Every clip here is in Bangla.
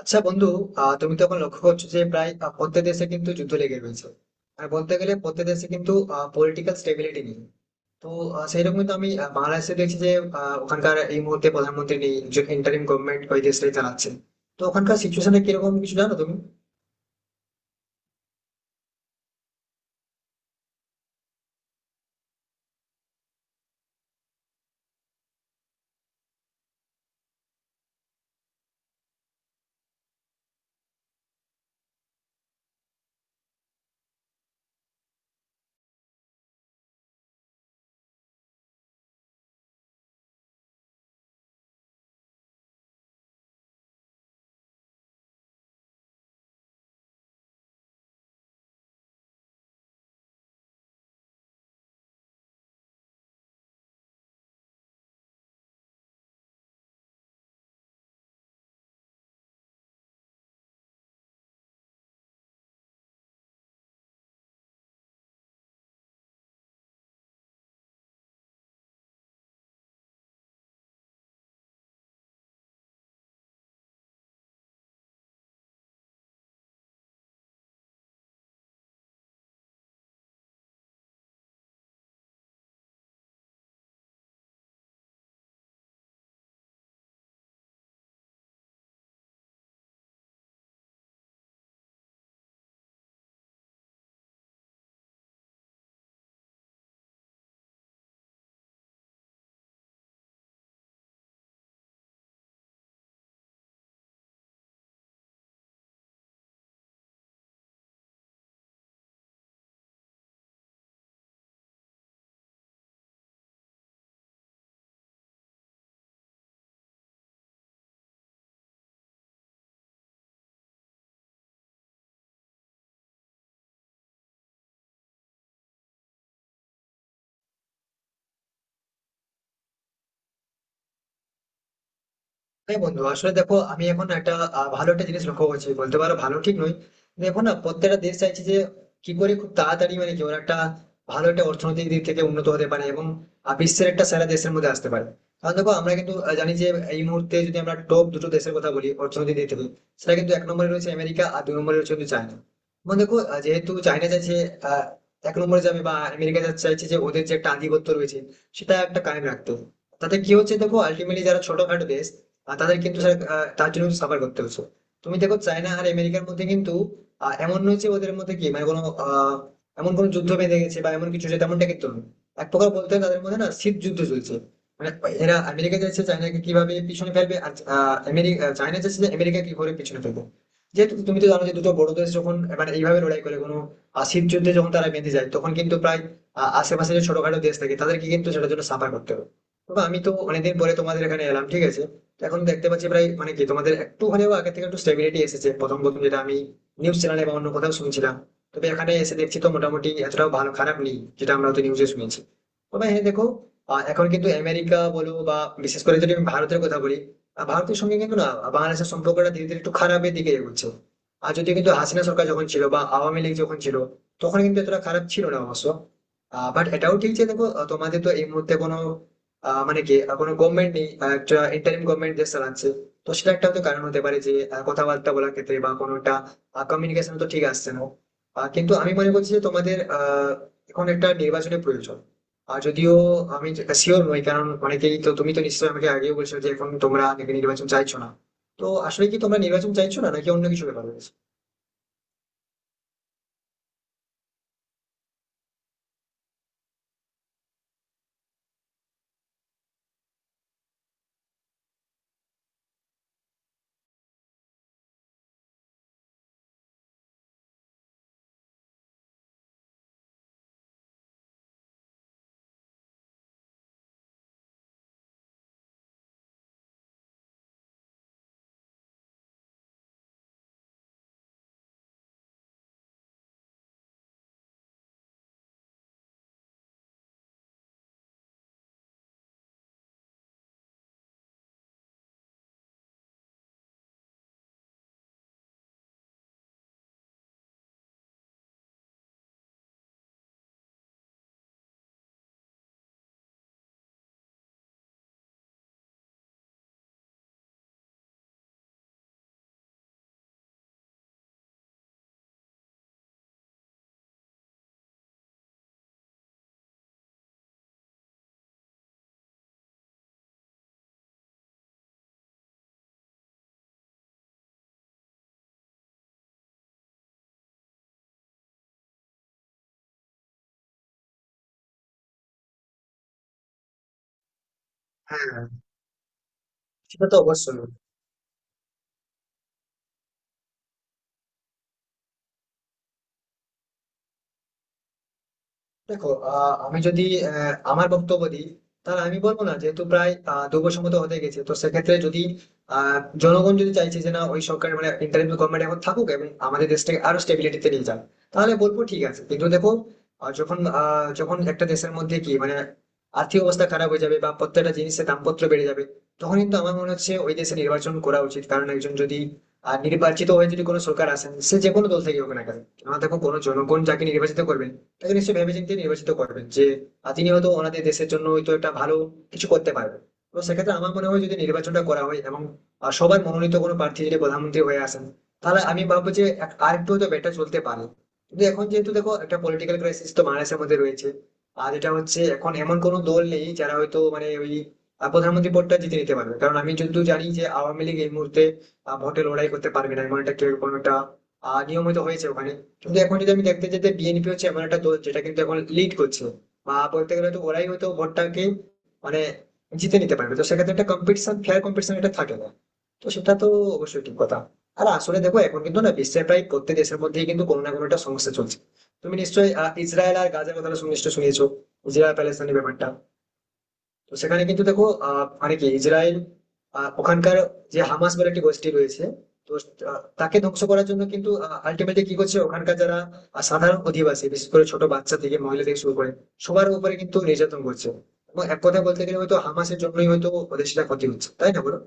আচ্ছা বন্ধু। তুমি তো এখন লক্ষ্য করছো যে প্রায় প্রত্যেক দেশে কিন্তু যুদ্ধ লেগে রয়েছে, আর বলতে গেলে প্রত্যেক দেশে কিন্তু পলিটিক্যাল স্টেবিলিটি নেই। তো সেইরকম কিন্তু আমি বাংলাদেশে দেখছি যে ওখানকার এই মুহূর্তে প্রধানমন্ত্রী নেই, একজন ইন্টারিম গভর্নমেন্ট ওই দেশটাই চালাচ্ছে। তো ওখানকার সিচুয়েশনটা কিরকম কিছু জানো তুমি? হ্যাঁ বন্ধু, আসলে দেখো আমি এখন একটা ভালো একটা জিনিস লক্ষ্য করছি, বলতে পারো ভালো ঠিক নয়। দেখো না, প্রত্যেকটা দেশ চাইছে যে কি করে খুব তাড়াতাড়ি মানে কি ওরা একটা ভালো একটা অর্থনৈতিক দিক থেকে উন্নত হতে পারে এবং বিশ্বের একটা সেরা দেশের মধ্যে আসতে পারে। কারণ দেখো, আমরা কিন্তু জানি যে এই মুহূর্তে যদি আমরা টপ দুটো দেশের কথা বলি অর্থনৈতিক দিক থেকে, সেটা কিন্তু এক নম্বরে রয়েছে আমেরিকা আর দুই নম্বরে রয়েছে কিন্তু চায়না। এবং দেখো, যেহেতু চায়না চাইছে আহ, এক নম্বরে যাবে বা চাইছে যে ওদের যে একটা আধিপত্য রয়েছে সেটা একটা কায়েম রাখতে, তাতে কি হচ্ছে দেখো, আলটিমেটলি যারা ছোটখাটো দেশ আর তাদের কিন্তু স্যার তার জন্য সাফার করতে হচ্ছে। তুমি দেখো, চায়না আর আমেরিকার মধ্যে কিন্তু এমন নয় যে ওদের মধ্যে কি মানে কোনো আহ, এমন কোনো যুদ্ধ বেঁধে গেছে বা এমন কিছু, যে তেমনটা কিন্তু নয়। এক প্রকার বলতে হয় তাদের মধ্যে না শীত যুদ্ধ চলছে। মানে এরা আমেরিকা চাইছে চায়নাকে কিভাবে পিছনে ফেলবে, আর আমেরিকা চায়না চাইছে যে আমেরিকা কি করে পিছনে ফেলবে। যেহেতু তুমি তো জানো যে দুটো বড় দেশ যখন মানে এইভাবে লড়াই করে, কোনো শীত যুদ্ধে যখন তারা বেঁধে যায়, তখন কিন্তু প্রায় আশেপাশে যে ছোটখাটো দেশ থাকে তাদেরকে কিন্তু সেটার জন্য সাফার করতে হবে। তবে আমি তো অনেকদিন পরে তোমাদের এখানে এলাম, ঠিক আছে? তো এখন দেখতে পাচ্ছি প্রায় মানে কি তোমাদের একটু হলেও আগে থেকে একটু স্টেবিলিটি এসেছে, প্রথম প্রথম যেটা আমি নিউজ চ্যানেলে বা অন্য কোথাও শুনছিলাম, তবে এখানে এসে দেখছি তো মোটামুটি এতটাও ভালো খারাপ নেই যেটা আমরা হয়তো নিউজে শুনেছি। তবে হ্যাঁ দেখো, এখন কিন্তু আমেরিকা বলো বা বিশেষ করে যদি আমি ভারতের কথা বলি, ভারতের সঙ্গে কিন্তু না বাংলাদেশের সম্পর্কটা ধীরে ধীরে একটু খারাপের দিকে এগোচ্ছে। আর যদি কিন্তু হাসিনা সরকার যখন ছিল বা আওয়ামী লীগ যখন ছিল, তখন কিন্তু এতটা খারাপ ছিল না অবশ্য। বাট এটাও ঠিক যে দেখো, তোমাদের তো এই মুহূর্তে কোনো মানে কি কোনো গভর্নমেন্ট নেই, একটা ইন্টারিম গভর্নমেন্ট যে চালাচ্ছে। তো সেটা একটা হয়তো কারণ হতে পারে যে কথাবার্তা বলার ক্ষেত্রে বা কোনোটা কমিউনিকেশন তো ঠিক আসছে না। কিন্তু আমি মনে করছি যে তোমাদের এখন একটা নির্বাচনের প্রয়োজন। আর যদিও আমি শিওর নই, কারণ অনেকেই তো তুমি তো নিশ্চয়ই আমাকে আগেও বলছো যে এখন তোমরা নাকি নির্বাচন চাইছো না। তো আসলে কি তোমরা নির্বাচন চাইছো না, নাকি অন্য কিছু ব্যাপার রয়েছে? হ্যাঁ। সেটা তো অবশ্যই। দেখো আমি যদি আমার বক্তব্য দিই, তাহলে আমি বলবো না, যেহেতু প্রায় 2 বছর মতো হতে গেছে, তো সেক্ষেত্রে যদি আহ, জনগণ যদি চাইছে যে না ওই সরকার মানে ইন্টারিম গভর্নমেন্ট এখন থাকুক এবং আমাদের দেশটাকে আরো স্টেবিলিটিতে নিয়ে যাক, তাহলে বলবো ঠিক আছে। কিন্তু দেখো, যখন একটা দেশের মধ্যে কি মানে আর্থিক অবস্থা খারাপ হয়ে যাবে বা প্রত্যেকটা জিনিসের দামপত্র বেড়ে যাবে, তখন কিন্তু আমার মনে হচ্ছে ওই দেশে নির্বাচন করা উচিত, কারণ একজন যদি নির্বাচিত হয়ে যদি কোনো সরকার আসেন সে যে কোনো দল থেকে হোক না কেন, কেননা দেখো, কোনো জনগণ যাকে নির্বাচিত করবেন তাকে নিশ্চয়ই ভেবেচিন্তে নির্বাচিত করবেন যে তিনি হয়তো ওনাদের দেশের জন্য হয়তো একটা ভালো কিছু করতে পারবেন। তো সেক্ষেত্রে আমার মনে হয় যদি নির্বাচনটা করা হয় এবং সবার মনোনীত কোনো প্রার্থী যদি প্রধানমন্ত্রী হয়ে আসেন, তাহলে আমি ভাববো যে আরেকটু হয়তো বেটার চলতে পারে। কিন্তু এখন যেহেতু দেখো, একটা পলিটিক্যাল ক্রাইসিস তো বাংলাদেশের মধ্যে রয়েছে, আর এটা হচ্ছে এখন এমন কোনো দল নেই যারা হয়তো মানে ওই প্রধানমন্ত্রী পদটা জিতে নিতে পারবে, কারণ আমি যদিও জানি যে আওয়ামী লীগ এই মুহূর্তে ভোটে লড়াই করতে পারবে না, এমন একটা কোনো একটা নিয়ম হয়তো হয়েছে ওখানে। কিন্তু এখন যদি আমি দেখতে চাই যে বিএনপি হচ্ছে এমন একটা দল যেটা কিন্তু এখন লিড করছে, বা বলতে গেলে তো ওরাই হয়তো ভোটটাকে মানে জিতে নিতে পারবে, তো সেক্ষেত্রে একটা কম্পিটিশন, ফেয়ার কম্পিটিশন এটা থাকে না। তো সেটা তো অবশ্যই ঠিক কথা। আর আসলে দেখো, এখন কিন্তু না বিশ্বের প্রায় প্রত্যেক দেশের মধ্যেই কিন্তু কোনো না কোনো একটা সমস্যা চলছে। তুমি নিশ্চয়ই ইসরায়েল আর গাজার কথাটা নিশ্চয়ই শুনেছো, ইসরায়েল প্যালেস্তানের ব্যাপারটা। তো সেখানে কিন্তু দেখো, আহ মানে কি ইসরায়েল ওখানকার যে হামাস বলে একটি গোষ্ঠী রয়েছে, তো তাকে ধ্বংস করার জন্য কিন্তু আলটিমেটলি কি করছে, ওখানকার যারা সাধারণ অধিবাসী বিশেষ করে ছোট বাচ্চা থেকে মহিলা থেকে শুরু করে সবার উপরে কিন্তু নির্যাতন করছে। এবং এক কথা বলতে গেলে হয়তো হামাসের জন্যই হয়তো ওদের সেটা ক্ষতি হচ্ছে, তাই না বলো?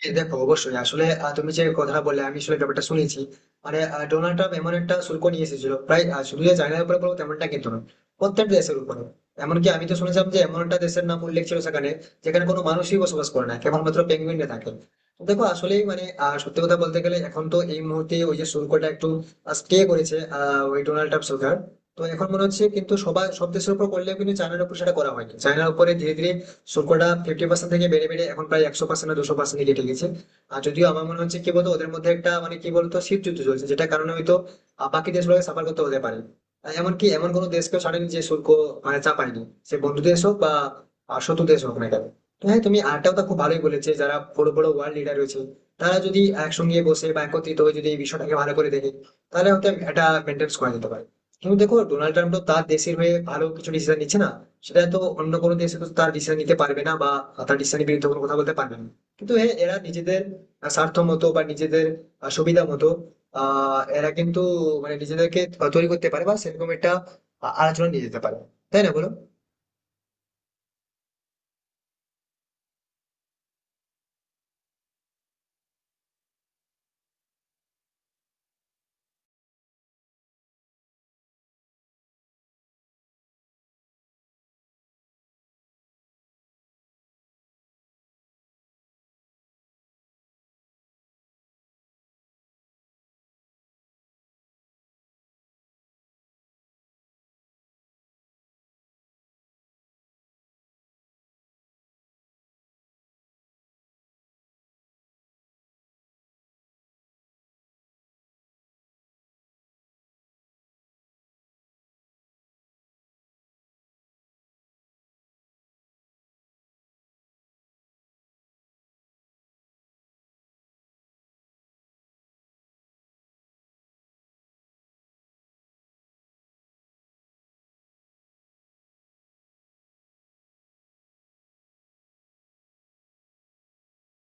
হ্যাঁ, দেখো অবশ্যই। আসলে তুমি যে কথাটা বললে আমি আসলে ব্যাপারটা শুনেছি। মানে ডোনাল্ড ট্রাম্প এমন একটা শুল্ক নিয়ে এসেছিল প্রায় শুধু যে চায়নার উপরে বলবো তেমনটা কিন্তু না, প্রত্যেক দেশের উপরে। এমনকি আমি তো শুনেছিলাম যে এমন একটা দেশের নাম উল্লেখ ছিল সেখানে, যেখানে কোনো মানুষই বসবাস করে না, কেবলমাত্র পেঙ্গুইনরা থাকে। তো দেখো আসলেই মানে সত্যি কথা বলতে গেলে এখন তো এই মুহূর্তে ওই যে শুল্কটা একটু স্টে করেছে ওই ডোনাল্ড ট্রাম্প সরকার। তো এখন মনে হচ্ছে কিন্তু সবাই সব দেশের উপর করলেও কিন্তু চায়নার উপর সেটা করা হয়নি, চায়নার উপরে ধীরে ধীরে শুল্কটা 50% থেকে বেড়ে বেড়ে এখন প্রায় 100%, 200% কেটে গেছে। আর যদিও আমার মনে হচ্ছে কি বলতো ওদের মধ্যে একটা মানে কি বলতো শীত যুদ্ধ চলছে, যেটা কারণে হয়তো বাকি দেশগুলোকে সাফার করতে হতে পারে। এমনকি এমন কোনো দেশকেও ছাড়েনি যে শুল্ক মানে চাপায়নি, সে বন্ধু দেশ হোক বা শত্রু দেশ হোক না কেন। তো হ্যাঁ তুমি আরটা কথা খুব ভালোই বলেছে, যারা বড় বড় ওয়ার্ল্ড লিডার রয়েছে, তারা যদি একসঙ্গে বসে বা একত্রিত হয়ে যদি এই বিষয়টাকে ভালো করে দেখে, তাহলে হয়তো এটা মেনটেন করা যেতে পারে। কিন্তু দেখো ডোনাল্ড ট্রাম্প তো তার দেশের হয়ে ভালো কিছু ডিসিশন নিচ্ছে না, সেটা তো অন্য কোনো দেশে তো তার ডিসিশন নিতে পারবে না, বা তার ডিসিশনের বিরুদ্ধে কোনো কথা বলতে পারবে না। কিন্তু হ্যাঁ, এরা নিজেদের স্বার্থ মতো বা নিজেদের সুবিধা মতো এরা কিন্তু মানে নিজেদেরকে তৈরি করতে পারে বা সেরকম একটা আলোচনা নিয়ে যেতে পারে, তাই না বলো?